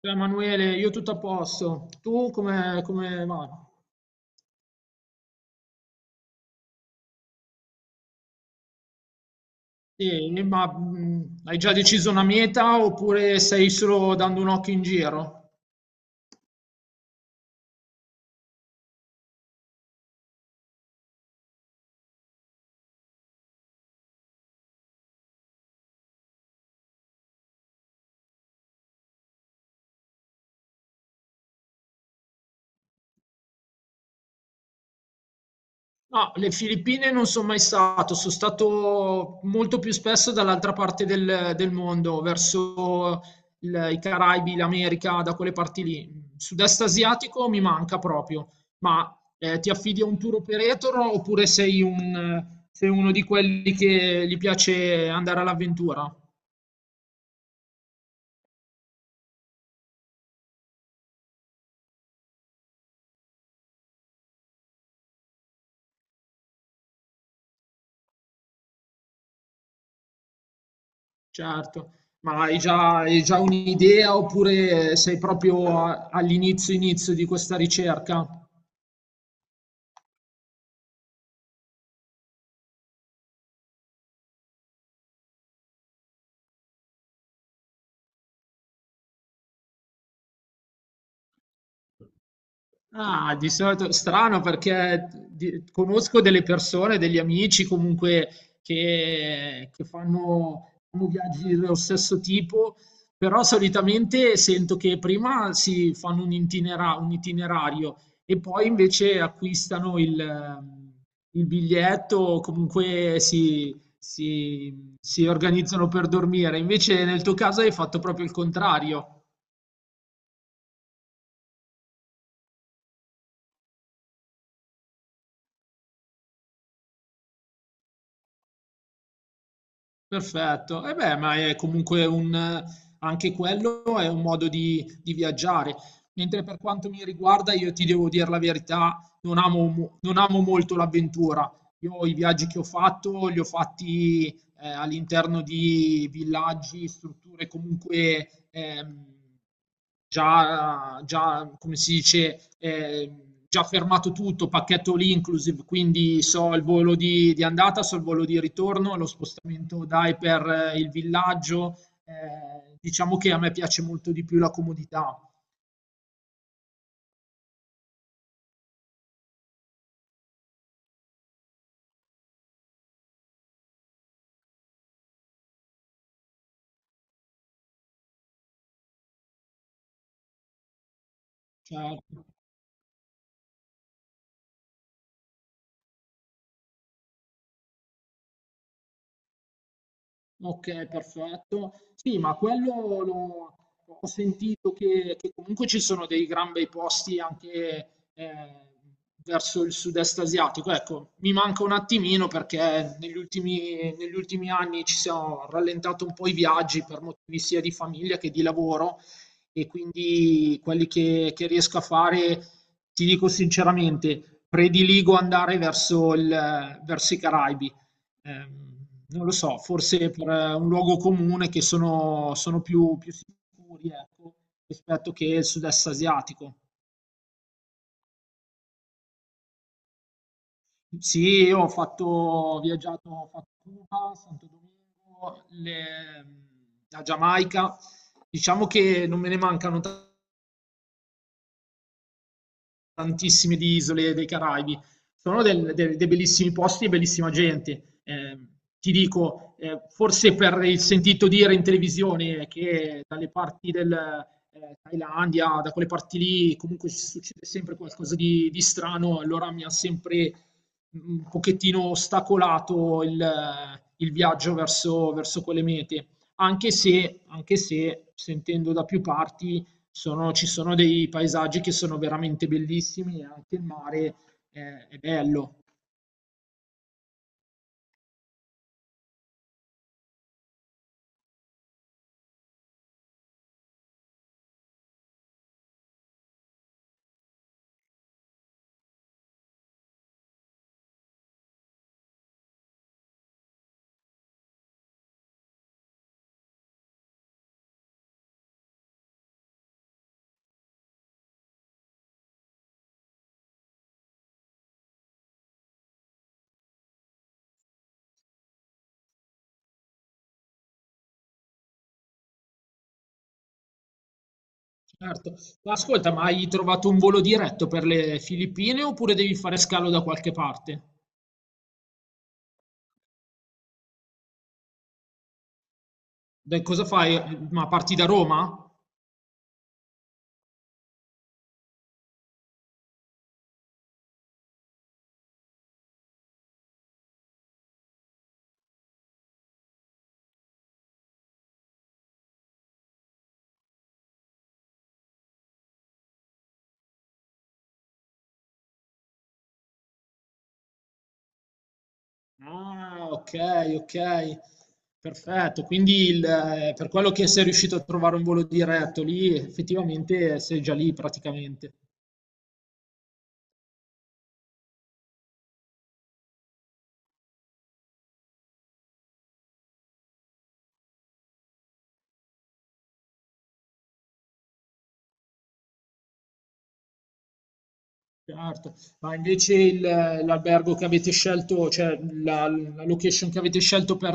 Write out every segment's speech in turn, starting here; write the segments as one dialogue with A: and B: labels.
A: Ciao Emanuele, io tutto a posto. Tu come va? Sì, ma hai già deciso una meta oppure stai solo dando un occhio in giro? No, le Filippine non sono mai stato, sono stato molto più spesso dall'altra parte del mondo, verso i Caraibi, l'America, da quelle parti lì. Sud-est asiatico mi manca proprio, ma ti affidi a un tour operator oppure sei uno di quelli che gli piace andare all'avventura? Certo, ma hai già un'idea oppure sei proprio all'inizio inizio di questa ricerca? Ah, di solito strano perché conosco delle persone, degli amici comunque che fanno viaggi dello stesso tipo, però solitamente sento che prima si fanno un un itinerario e poi invece acquistano il biglietto, comunque si organizzano per dormire. Invece nel tuo caso hai fatto proprio il contrario. Perfetto. E beh, ma è comunque anche quello è un modo di viaggiare. Mentre per quanto mi riguarda, io ti devo dire la verità, non amo molto l'avventura. Io i viaggi che ho fatto li ho fatti all'interno di villaggi, strutture comunque già, come si dice, già fermato tutto, pacchetto all inclusive, quindi so il volo di andata, so il volo di ritorno, lo spostamento dai per il villaggio. Diciamo che a me piace molto di più la comodità. Cioè. Ok, perfetto. Sì, ma quello ho sentito che comunque ci sono dei gran bei posti anche eh, verso il sud-est asiatico. Ecco, mi manca un attimino perché negli ultimi anni ci siamo rallentati un po' i viaggi per motivi sia di famiglia che di lavoro e quindi quelli che riesco a fare, ti dico sinceramente, prediligo andare verso verso i Caraibi. Non lo so, forse per un luogo comune che sono più sicuri, ecco, rispetto che il sud-est asiatico. Sì, io ho fatto, ho viaggiato, ho fatto Cuba, Santo Domingo, la Giamaica. Diciamo che non me ne mancano tanti tantissime di isole dei Caraibi. Sono dei bellissimi posti e bellissima gente. Ti dico, forse per il sentito dire in televisione che dalle parti del Thailandia, da quelle parti lì, comunque ci succede sempre qualcosa di strano, allora mi ha sempre un pochettino ostacolato il viaggio verso quelle mete anche se sentendo da più parti ci sono dei paesaggi che sono veramente bellissimi e anche il mare è bello. Certo. Ma ascolta, ma hai trovato un volo diretto per le Filippine oppure devi fare scalo da qualche parte? Cosa fai? Ma parti da Roma? Ah, ok, ok. Perfetto. Quindi per quello che sei riuscito a trovare un volo diretto lì, effettivamente sei già lì praticamente. Certo, ma invece l'albergo che avete scelto, cioè la location che avete scelto per,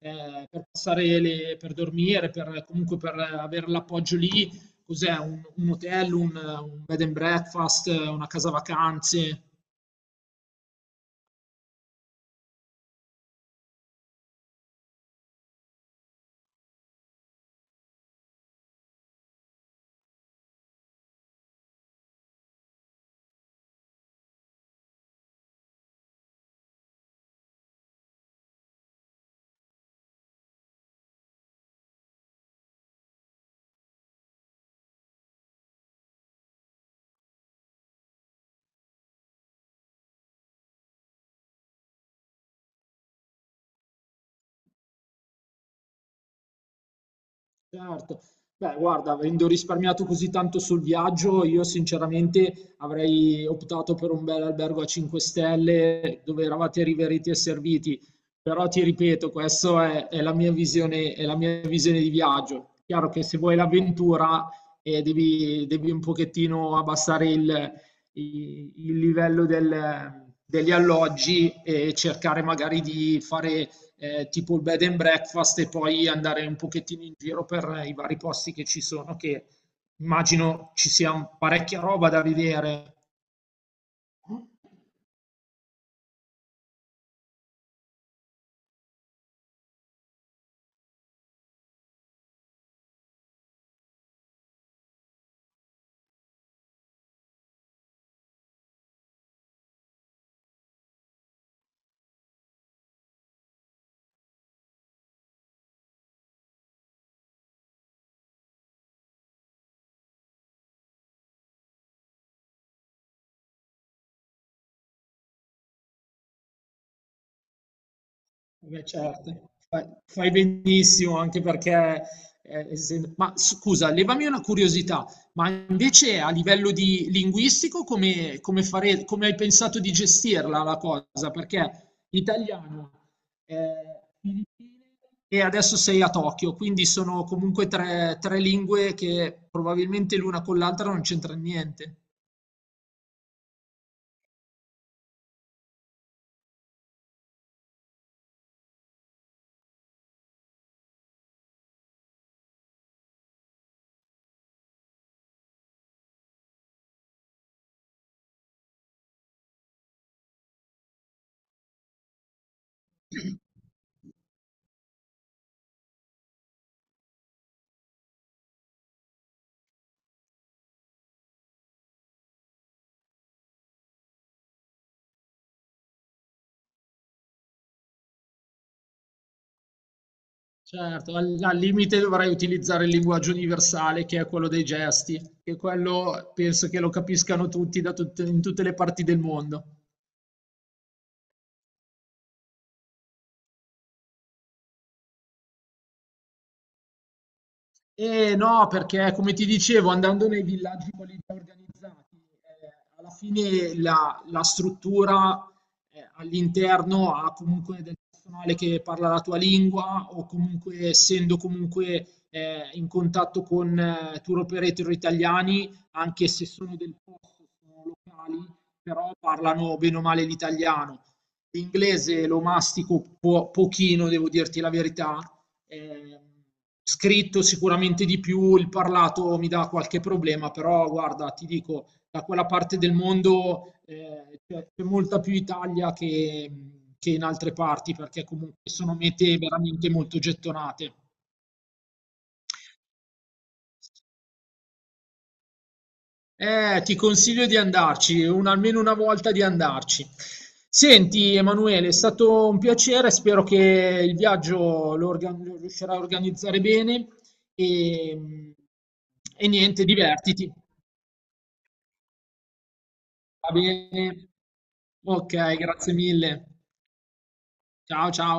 A: eh, per passare per dormire, comunque per avere l'appoggio lì, cos'è? Un hotel, un bed and breakfast, una casa vacanze? Certo. Beh, guarda, avendo risparmiato così tanto sul viaggio, io sinceramente avrei optato per un bel albergo a 5 stelle dove eravate riveriti e serviti. Però ti ripeto, questa è la mia visione, è la mia visione di viaggio. Chiaro che se vuoi l'avventura devi un pochettino abbassare il livello degli alloggi e cercare magari di fare tipo il bed and breakfast e poi andare un pochettino in giro per i vari posti che ci sono, che immagino ci sia parecchia roba da vedere. Beh, certo, fai benissimo anche perché, essendo ma scusa, levami una curiosità, ma invece a livello di linguistico come fare come hai pensato di gestirla la cosa? Perché italiano, Filippine e adesso sei a Tokyo, quindi sono comunque 3 lingue che probabilmente l'una con l'altra non c'entra niente. Certo, al limite dovrei utilizzare il linguaggio universale, che è quello dei gesti, che quello penso che lo capiscano tutti da in tutte le parti del mondo. Eh no, perché come ti dicevo, andando nei villaggi quelli già organizzati, alla fine la struttura all'interno ha comunque del personale che parla la tua lingua o comunque essendo comunque in contatto con tour operator italiani, anche se sono del posto, sono locali, però parlano bene o male l'italiano. L'inglese lo mastico pochino, devo dirti la verità. Ehm, Scritto sicuramente di più, il parlato mi dà qualche problema, però guarda, ti dico, da quella parte del mondo c'è molta più Italia che in altre parti, perché comunque sono mete veramente molto gettonate. Ti consiglio di andarci, almeno una volta di andarci. Senti, Emanuele, è stato un piacere, spero che il viaggio lo riuscirai a organizzare bene e, e niente, divertiti. Va bene. Ok, grazie mille. Ciao ciao.